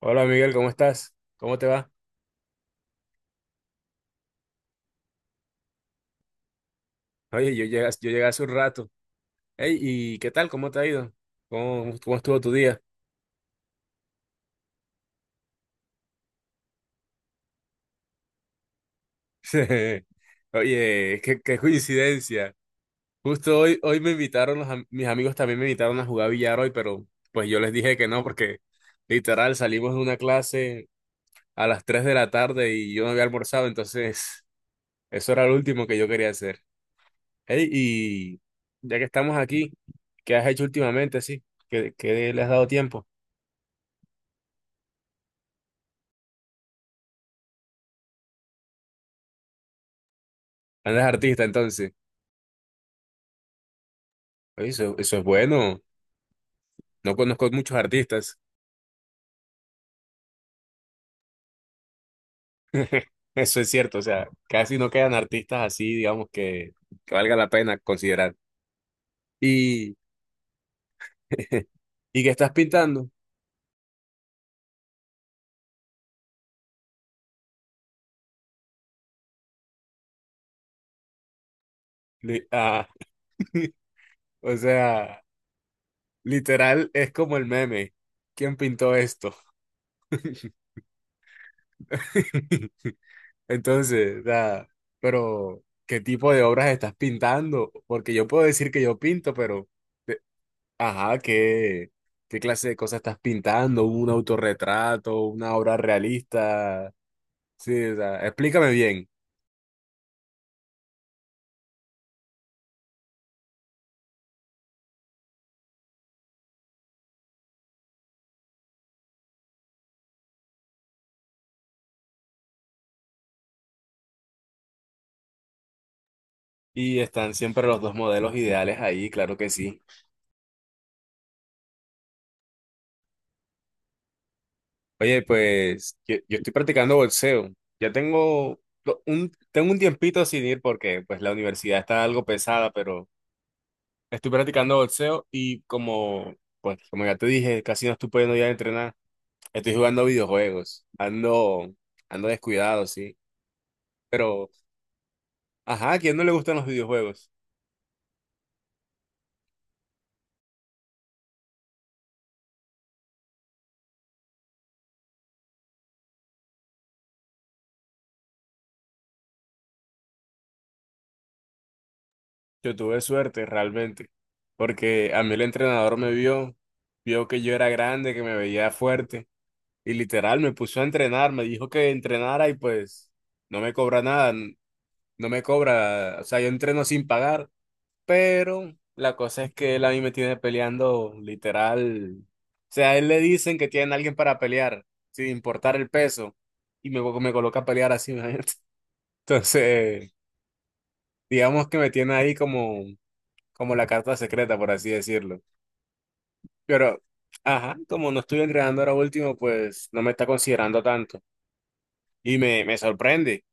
Hola Miguel, ¿cómo estás? ¿Cómo te va? Oye, yo llegué hace un rato. Hey, ¿y qué tal? ¿Cómo te ha ido? ¿Cómo estuvo tu día? Oye, qué coincidencia. Justo hoy me invitaron, mis amigos también me invitaron a jugar billar hoy, pero pues yo les dije que no, porque literal salimos de una clase a las 3 de la tarde y yo no había almorzado, entonces eso era lo último que yo quería hacer. Hey, y ya que estamos aquí, ¿qué has hecho últimamente? Sí, ¿qué le has dado tiempo? Andas artista, entonces. Oye, eso es bueno. No conozco muchos artistas. Eso es cierto, o sea, casi no quedan artistas así, digamos, que valga la pena considerar. Y, y qué estás pintando. Li- ah, o sea, literal es como el meme. ¿Quién pintó esto? Entonces, o sea, pero ¿qué tipo de obras estás pintando? Porque yo puedo decir que yo pinto, pero. Ajá, ¿qué clase de cosas estás pintando? ¿Un autorretrato? ¿Una obra realista? Sí, o sea, explícame bien. Y están siempre los dos modelos ideales ahí, claro que sí. Oye, pues yo estoy practicando boxeo. Ya tengo un tiempito sin ir porque pues la universidad está algo pesada, pero estoy practicando boxeo y como, pues, como ya te dije, casi no estoy pudiendo ya entrenar. Estoy jugando videojuegos. Ando descuidado, sí. Pero. Ajá, ¿a quién no le gustan los videojuegos? Yo tuve suerte realmente, porque a mí el entrenador me vio, vio que yo era grande, que me veía fuerte, y literal me puso a entrenar, me dijo que entrenara y pues no me cobra nada, no me cobra, o sea, yo entreno sin pagar, pero la cosa es que él a mí me tiene peleando literal, o sea, a él le dicen que tienen a alguien para pelear, sin importar el peso, y me coloca a pelear así, imagínate. Entonces digamos que me tiene ahí como la carta secreta, por así decirlo. Pero, ajá, como no estoy entrenando ahora último, pues no me está considerando tanto. Y me, me sorprende,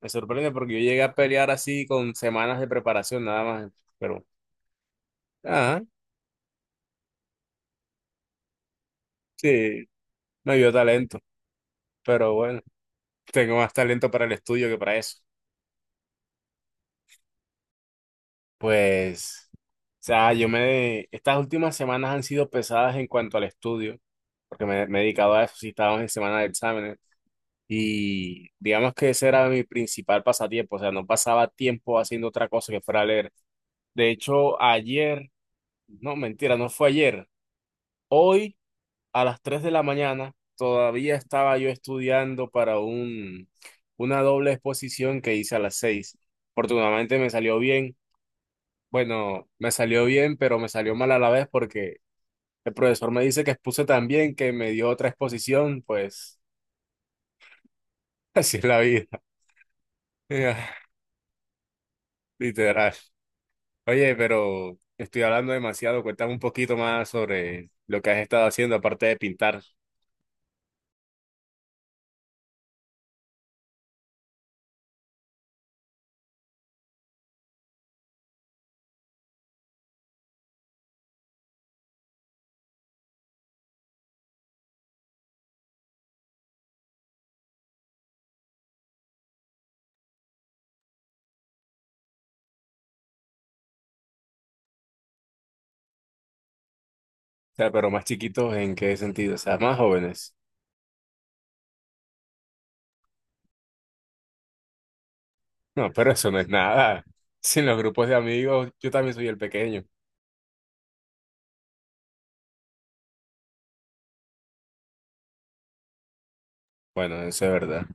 me sorprende porque yo llegué a pelear así con semanas de preparación nada más. Pero, ajá, sí, me dio talento. Pero bueno, tengo más talento para el estudio que para eso. Pues, o sea, Estas últimas semanas han sido pesadas en cuanto al estudio, porque me he dedicado a eso, sí, estábamos en semana de exámenes. Y digamos que ese era mi principal pasatiempo, o sea, no pasaba tiempo haciendo otra cosa que fuera leer. De hecho, ayer, no, mentira, no fue ayer, hoy a las 3 de la mañana todavía estaba yo estudiando para una doble exposición que hice a las 6. Afortunadamente me salió bien, bueno, me salió bien, pero me salió mal a la vez porque el profesor me dice que expuse tan bien que me dio otra exposición, pues así es la vida, literal. Oye, pero estoy hablando demasiado. Cuéntame un poquito más sobre lo que has estado haciendo aparte de pintar. O sea, pero más chiquitos, ¿en qué sentido? O sea, más jóvenes. No, pero eso no es nada. Sin los grupos de amigos, yo también soy el pequeño. Bueno, eso es verdad.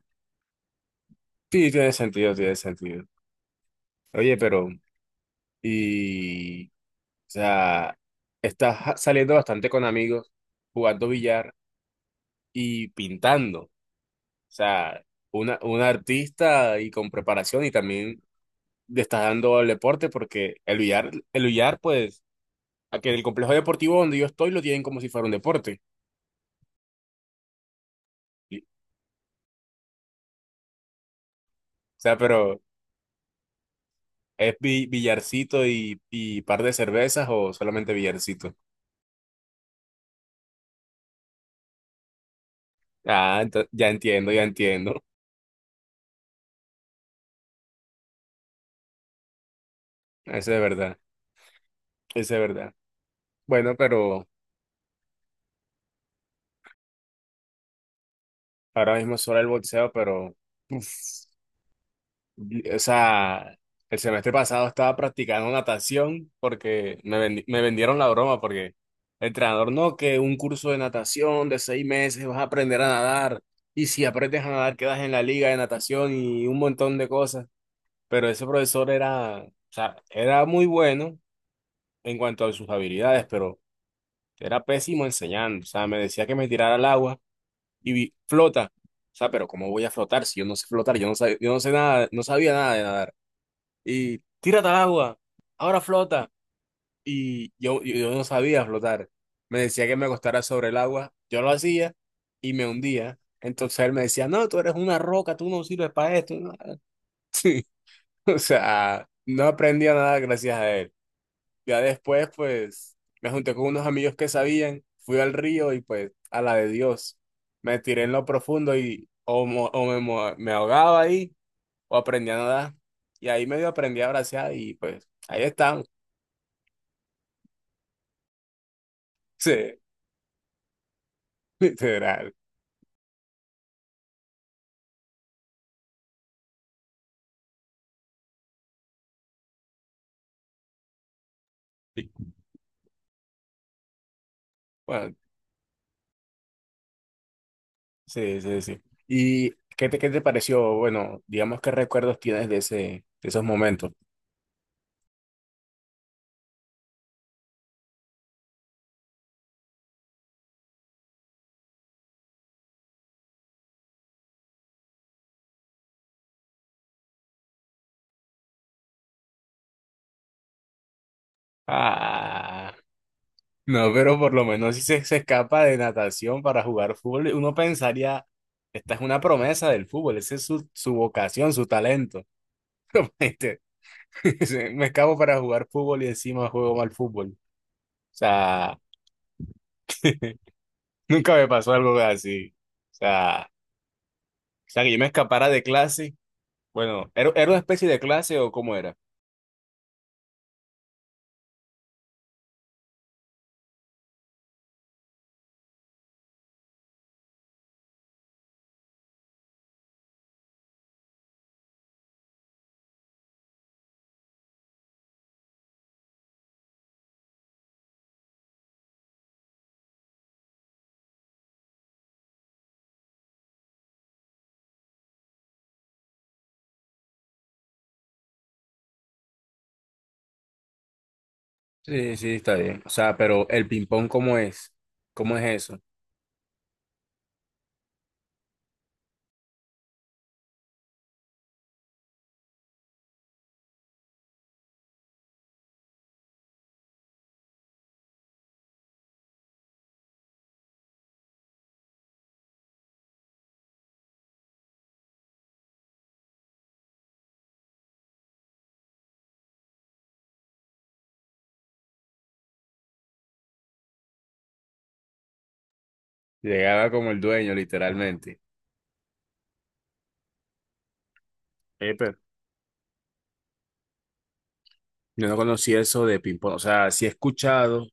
Sí, tiene sentido, tiene sentido. Oye, pero, y, o sea, estás saliendo bastante con amigos, jugando billar y pintando. O sea, un artista y con preparación y también le está dando al deporte porque el billar, pues, aquí en el complejo deportivo donde yo estoy lo tienen como si fuera un deporte. O sea, pero ¿es billarcito y par de cervezas o solamente billarcito? Ah, ya entiendo, ya entiendo. Eso es verdad, eso es verdad. Bueno, pero ahora mismo solo el boxeo. Uf, O sea, el semestre pasado estaba practicando natación porque me vendieron la broma porque el entrenador, no, que un curso de natación de 6 meses vas a aprender a nadar y si aprendes a nadar quedas en la liga de natación y un montón de cosas. Pero ese profesor era, o sea, era muy bueno en cuanto a sus habilidades, pero era pésimo enseñando. O sea, me decía que me tirara al agua y vi, flota. O sea, pero ¿cómo voy a flotar si yo no sé flotar? Yo no sé nada, no sabía nada de nadar y tírate al agua, ahora flota. Y yo no sabía flotar. Me decía que me acostara sobre el agua, yo lo hacía y me hundía. Entonces él me decía, no, tú eres una roca, tú no sirves para esto. No". Sí, o sea, no aprendía nada gracias a él. Ya después, pues, me junté con unos amigos que sabían, fui al río y pues, a la de Dios, me tiré en lo profundo y o me ahogaba ahí o aprendí a nadar. Y ahí medio aprendí a bracear y pues, ahí estamos. Sí, literal. Sí. Bueno, sí, sí, sí. ¿Y qué te pareció? Bueno, digamos, ¿qué recuerdos tienes de de esos momentos? Ah, no, pero por lo menos si se escapa de natación para jugar fútbol, uno pensaría, esta es una promesa del fútbol, esa es su vocación, su talento. Este, Me escapo para jugar fútbol y encima juego mal fútbol. O sea, nunca me pasó algo así. O sea, o sea, que yo me escapara de clase. Bueno, ¿era una especie de clase o cómo era? Sí, sí, está bien. O sea, pero el ping-pong, ¿cómo es? ¿Cómo es eso? Llegaba como el dueño, literalmente. Eh, pero- Yo no conocía eso de ping-pong. O sea, sí he escuchado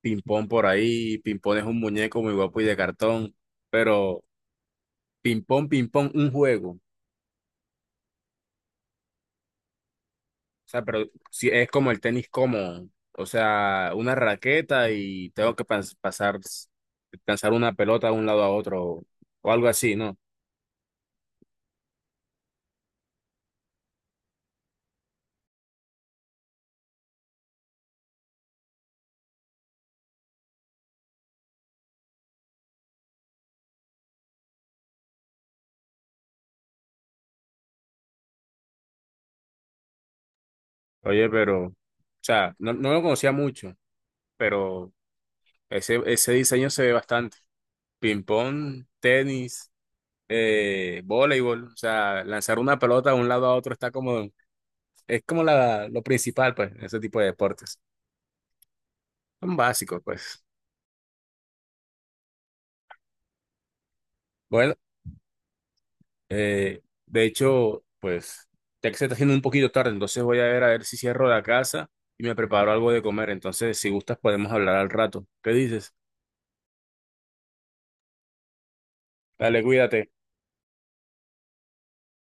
ping-pong por ahí. Ping-pong es un muñeco muy guapo y de cartón. Pero ping-pong, ping-pong, un juego. O sea, pero sí es como el tenis O sea, una raqueta y tengo que pasar, lanzar una pelota de un lado a otro o algo así, ¿no? Oye, pero, o sea, no lo conocía mucho, pero ese diseño se ve bastante. Ping-pong, tenis, voleibol, o sea, lanzar una pelota de un lado a otro está es como lo principal, pues, en ese tipo de deportes. Son básicos, pues. Bueno, eh, de hecho, pues, ya que se está haciendo un poquito tarde, entonces voy a ver si cierro la casa y me preparo algo de comer. Entonces, si gustas, podemos hablar al rato. ¿Qué dices? Dale, cuídate.